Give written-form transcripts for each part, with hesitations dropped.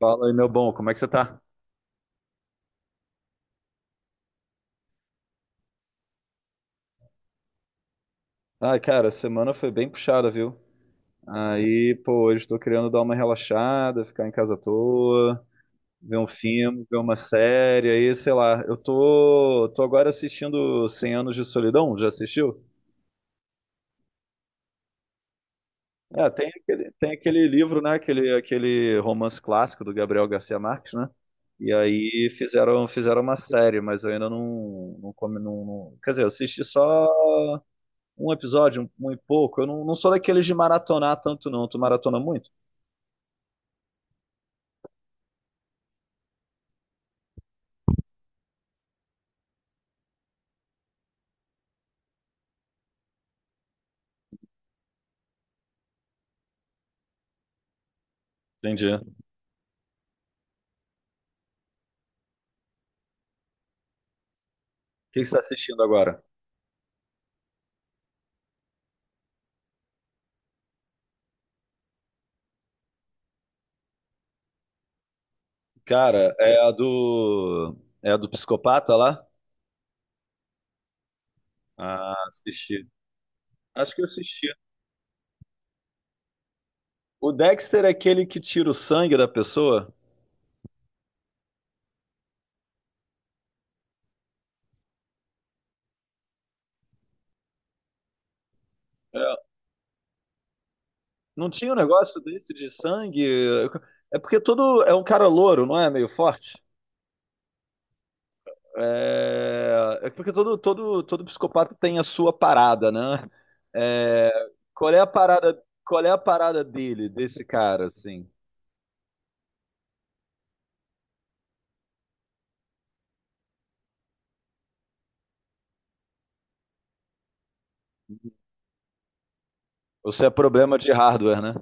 Fala aí, meu bom, como é que você tá? Ah cara, a semana foi bem puxada, viu? Aí, pô, hoje tô querendo dar uma relaxada, ficar em casa à toa, ver um filme, ver uma série, aí, sei lá. Eu tô agora assistindo Cem Anos de Solidão, já assistiu? É, tem aquele livro, né? Aquele romance clássico do Gabriel Garcia Marques, né? E aí fizeram uma série, mas eu ainda Quer dizer, eu assisti só um episódio, um e pouco. Eu não sou daqueles de maratonar tanto, não. Tu maratona muito? Entendi. O que que você tá assistindo agora? Cara, é a do. É a do psicopata lá? Ah, assisti. Acho que eu assisti. O Dexter é aquele que tira o sangue da pessoa? É. Não tinha um negócio desse de sangue? É porque todo. É um cara louro, não é? Meio forte? É porque todo psicopata tem a sua parada, né? É, qual é a parada dele, desse cara, assim? Ou se é problema de hardware, né?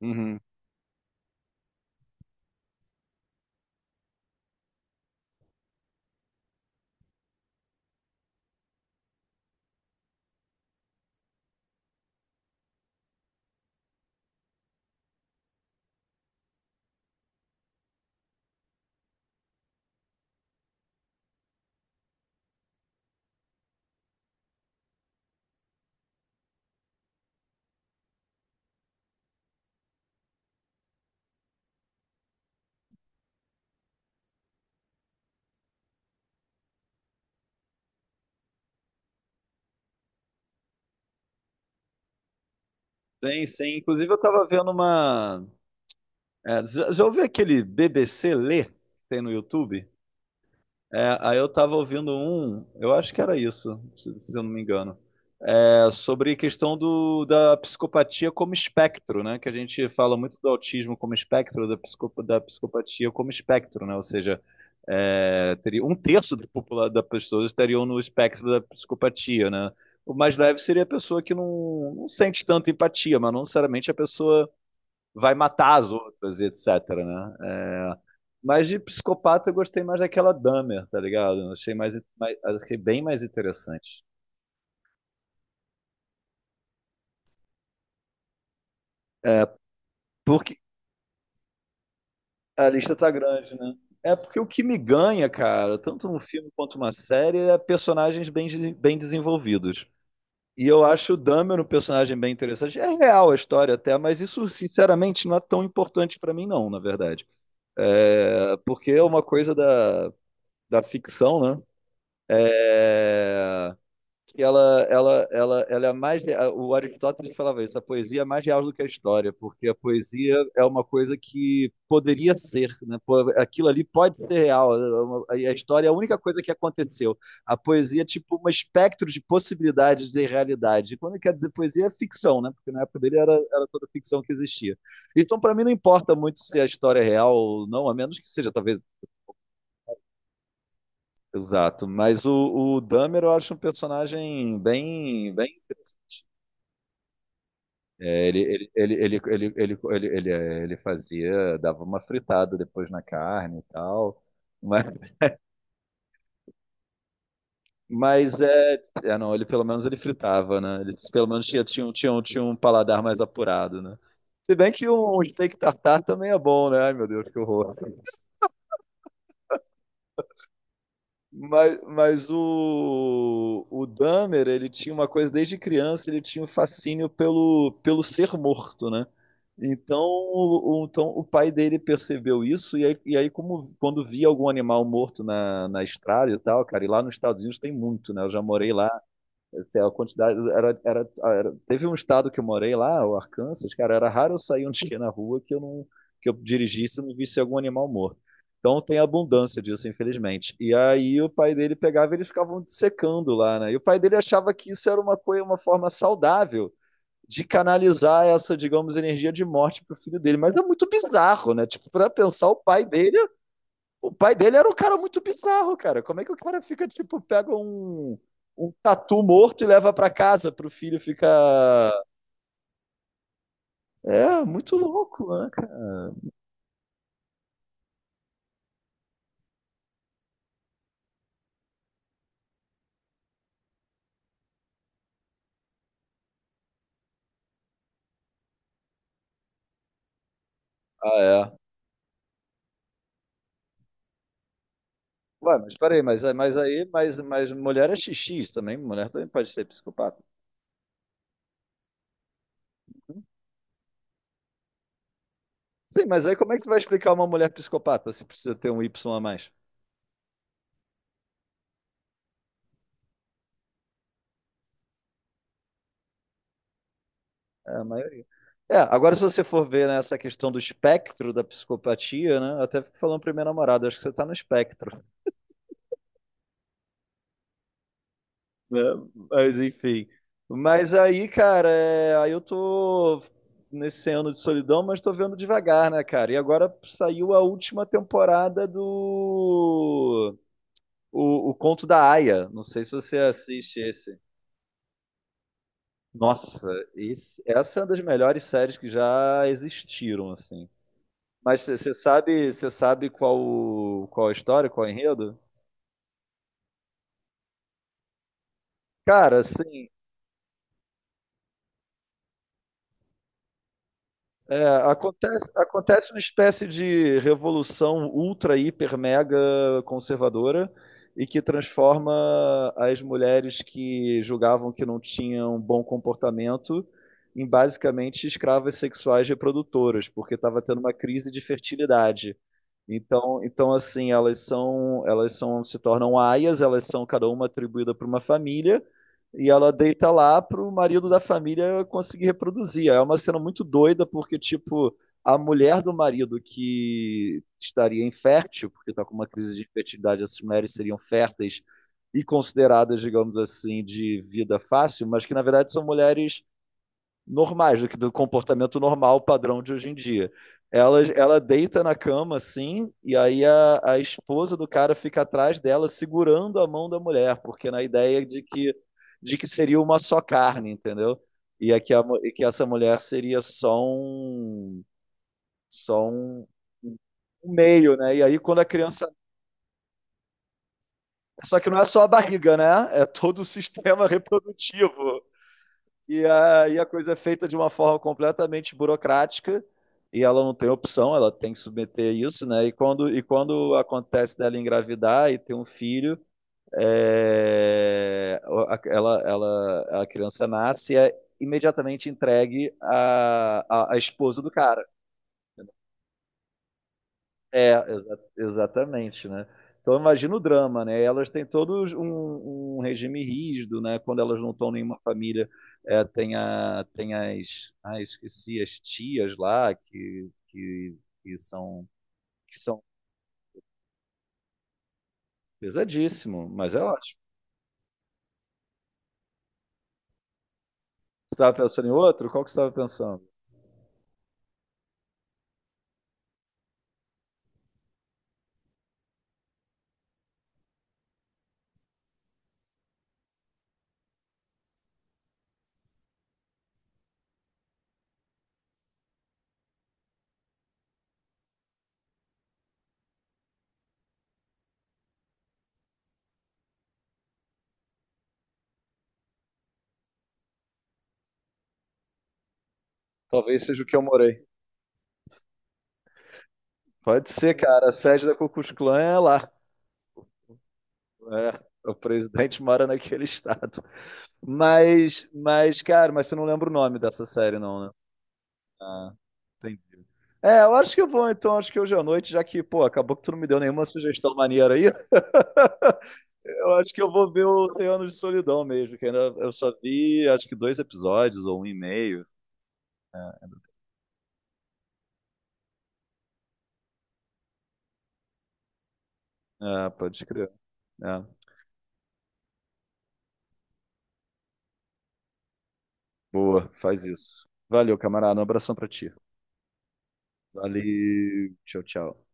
Uhum. Sim, sim. Inclusive eu tava vendo uma. É, já ouviu aquele BBC Lê que tem no YouTube? É, aí eu tava ouvindo um, eu acho que era isso, se eu não me engano. É, sobre a questão da psicopatia como espectro, né? Que a gente fala muito do autismo como espectro, da psicopatia como espectro, né? Ou seja, é, teria um terço da população das pessoas estariam no espectro da psicopatia, né? O mais leve seria a pessoa que não sente tanta empatia, mas não necessariamente a pessoa vai matar as outras, etc, né? É, mas de psicopata eu gostei mais daquela Dahmer, tá ligado? Eu achei bem mais interessante. É, porque a lista tá grande, né? É porque o que me ganha, cara, tanto num filme quanto numa série, é personagens bem desenvolvidos. E eu acho o Dahmer um personagem bem interessante. É real a história até, mas isso, sinceramente, não é tão importante pra mim, não, na verdade. É, porque é uma coisa da ficção, né? É, que ela é mais. O Aristóteles falava isso, a poesia é mais real do que a história, porque a poesia é uma coisa que poderia ser, né? Pô, aquilo ali pode ser real, e a história é a única coisa que aconteceu. A poesia é tipo um espectro de possibilidades de realidade. E quando quer dizer poesia, é ficção, né? Porque na época dele era toda ficção que existia. Então, para mim, não importa muito se a história é real ou não, a menos que seja talvez exato. Mas o Dahmer eu acho um personagem bem. É, ele fazia, dava uma fritada depois na carne e tal. Mas, mas, não, ele pelo menos ele fritava, né? Ele pelo menos tinha um paladar mais apurado, né? Se bem que um steak tartar também é bom, né? Ai, meu Deus, que horror. Mas o Dahmer, ele tinha uma coisa desde criança, ele tinha um fascínio pelo ser morto, né? Então o pai dele percebeu isso, e aí como, quando via algum animal morto na estrada e tal, cara, e lá nos Estados Unidos tem muito, né? Eu já morei lá, a quantidade teve um estado que eu morei lá, o Arkansas, cara, era raro eu sair um dia na rua que eu dirigisse e não visse algum animal morto. Então tem abundância disso, infelizmente. E aí o pai dele pegava e eles ficavam dissecando lá, né? E o pai dele achava que isso era uma coisa, uma forma saudável de canalizar essa, digamos, energia de morte pro filho dele. Mas é muito bizarro, né? Tipo, para pensar o pai dele era um cara muito bizarro, cara. Como é que o cara fica, tipo, pega um tatu morto e leva pra casa pro filho ficar. É, muito louco, né, cara? Ah, é. Ué, mas peraí, mas mulher é xx também, mulher também pode ser psicopata. Sim, mas aí como é que você vai explicar uma mulher psicopata se precisa ter um Y a mais? É, a maioria. É, agora se você for ver, né, essa questão do espectro da psicopatia, né, eu até fico falando pra minha namorada, acho que você tá no espectro. Né? Mas enfim. Mas aí, cara, é, aí eu tô nesse ano de solidão, mas tô vendo devagar, né, cara? E agora saiu a última temporada do o Conto da Aia. Não sei se você assiste esse. Nossa, essa é uma das melhores séries que já existiram, assim. Mas você sabe qual qual a história, qual o enredo? Cara, assim, é, acontece uma espécie de revolução ultra, hiper, mega conservadora e que transforma as mulheres que julgavam que não tinham bom comportamento em basicamente escravas sexuais reprodutoras, porque estava tendo uma crise de fertilidade. Então assim, se tornam aias, elas são cada uma atribuída para uma família, e ela deita lá para o marido da família conseguir reproduzir. É uma cena muito doida, porque, tipo, a mulher do marido que estaria infértil, porque está com uma crise de fertilidade, essas mulheres seriam férteis e consideradas, digamos assim, de vida fácil, mas que, na verdade, são mulheres normais, do comportamento normal, padrão de hoje em dia. Ela deita na cama, assim, e aí a esposa do cara fica atrás dela, segurando a mão da mulher, porque na ideia de que, seria uma só carne, entendeu? E que essa mulher seria só um, só um, um meio, né? E aí quando a criança. Só que não é só a barriga, né? É todo o sistema reprodutivo. E aí a coisa é feita de uma forma completamente burocrática e ela não tem opção, ela tem que submeter isso, né? E quando acontece dela engravidar e ter um filho, a criança nasce e é imediatamente entregue à esposa do cara. É, exatamente, né. Então imagina o drama, né, elas têm todos um regime rígido, né, quando elas não estão em uma família, tem a tem as esqueci, as tias lá que são que são pesadíssimo, mas é ótimo. Você estava pensando em outro? Qual que você estava pensando? Talvez seja o que eu morei. Pode ser, cara, a sede da Ku Klux Klan é lá. É. O presidente mora naquele estado. Mas, cara, mas você não lembra o nome dessa série não, né? Ah, entendi. É, eu acho que eu vou, então, acho que hoje à noite, já que, pô, acabou que tu não me deu nenhuma sugestão maneira aí, eu acho que eu vou ver o 100 Anos de Solidão mesmo, que ainda eu só vi, acho que dois episódios ou um e meio. É, pode crer. É, boa, faz isso. Valeu, camarada, um abração pra ti. Valeu, tchau, tchau.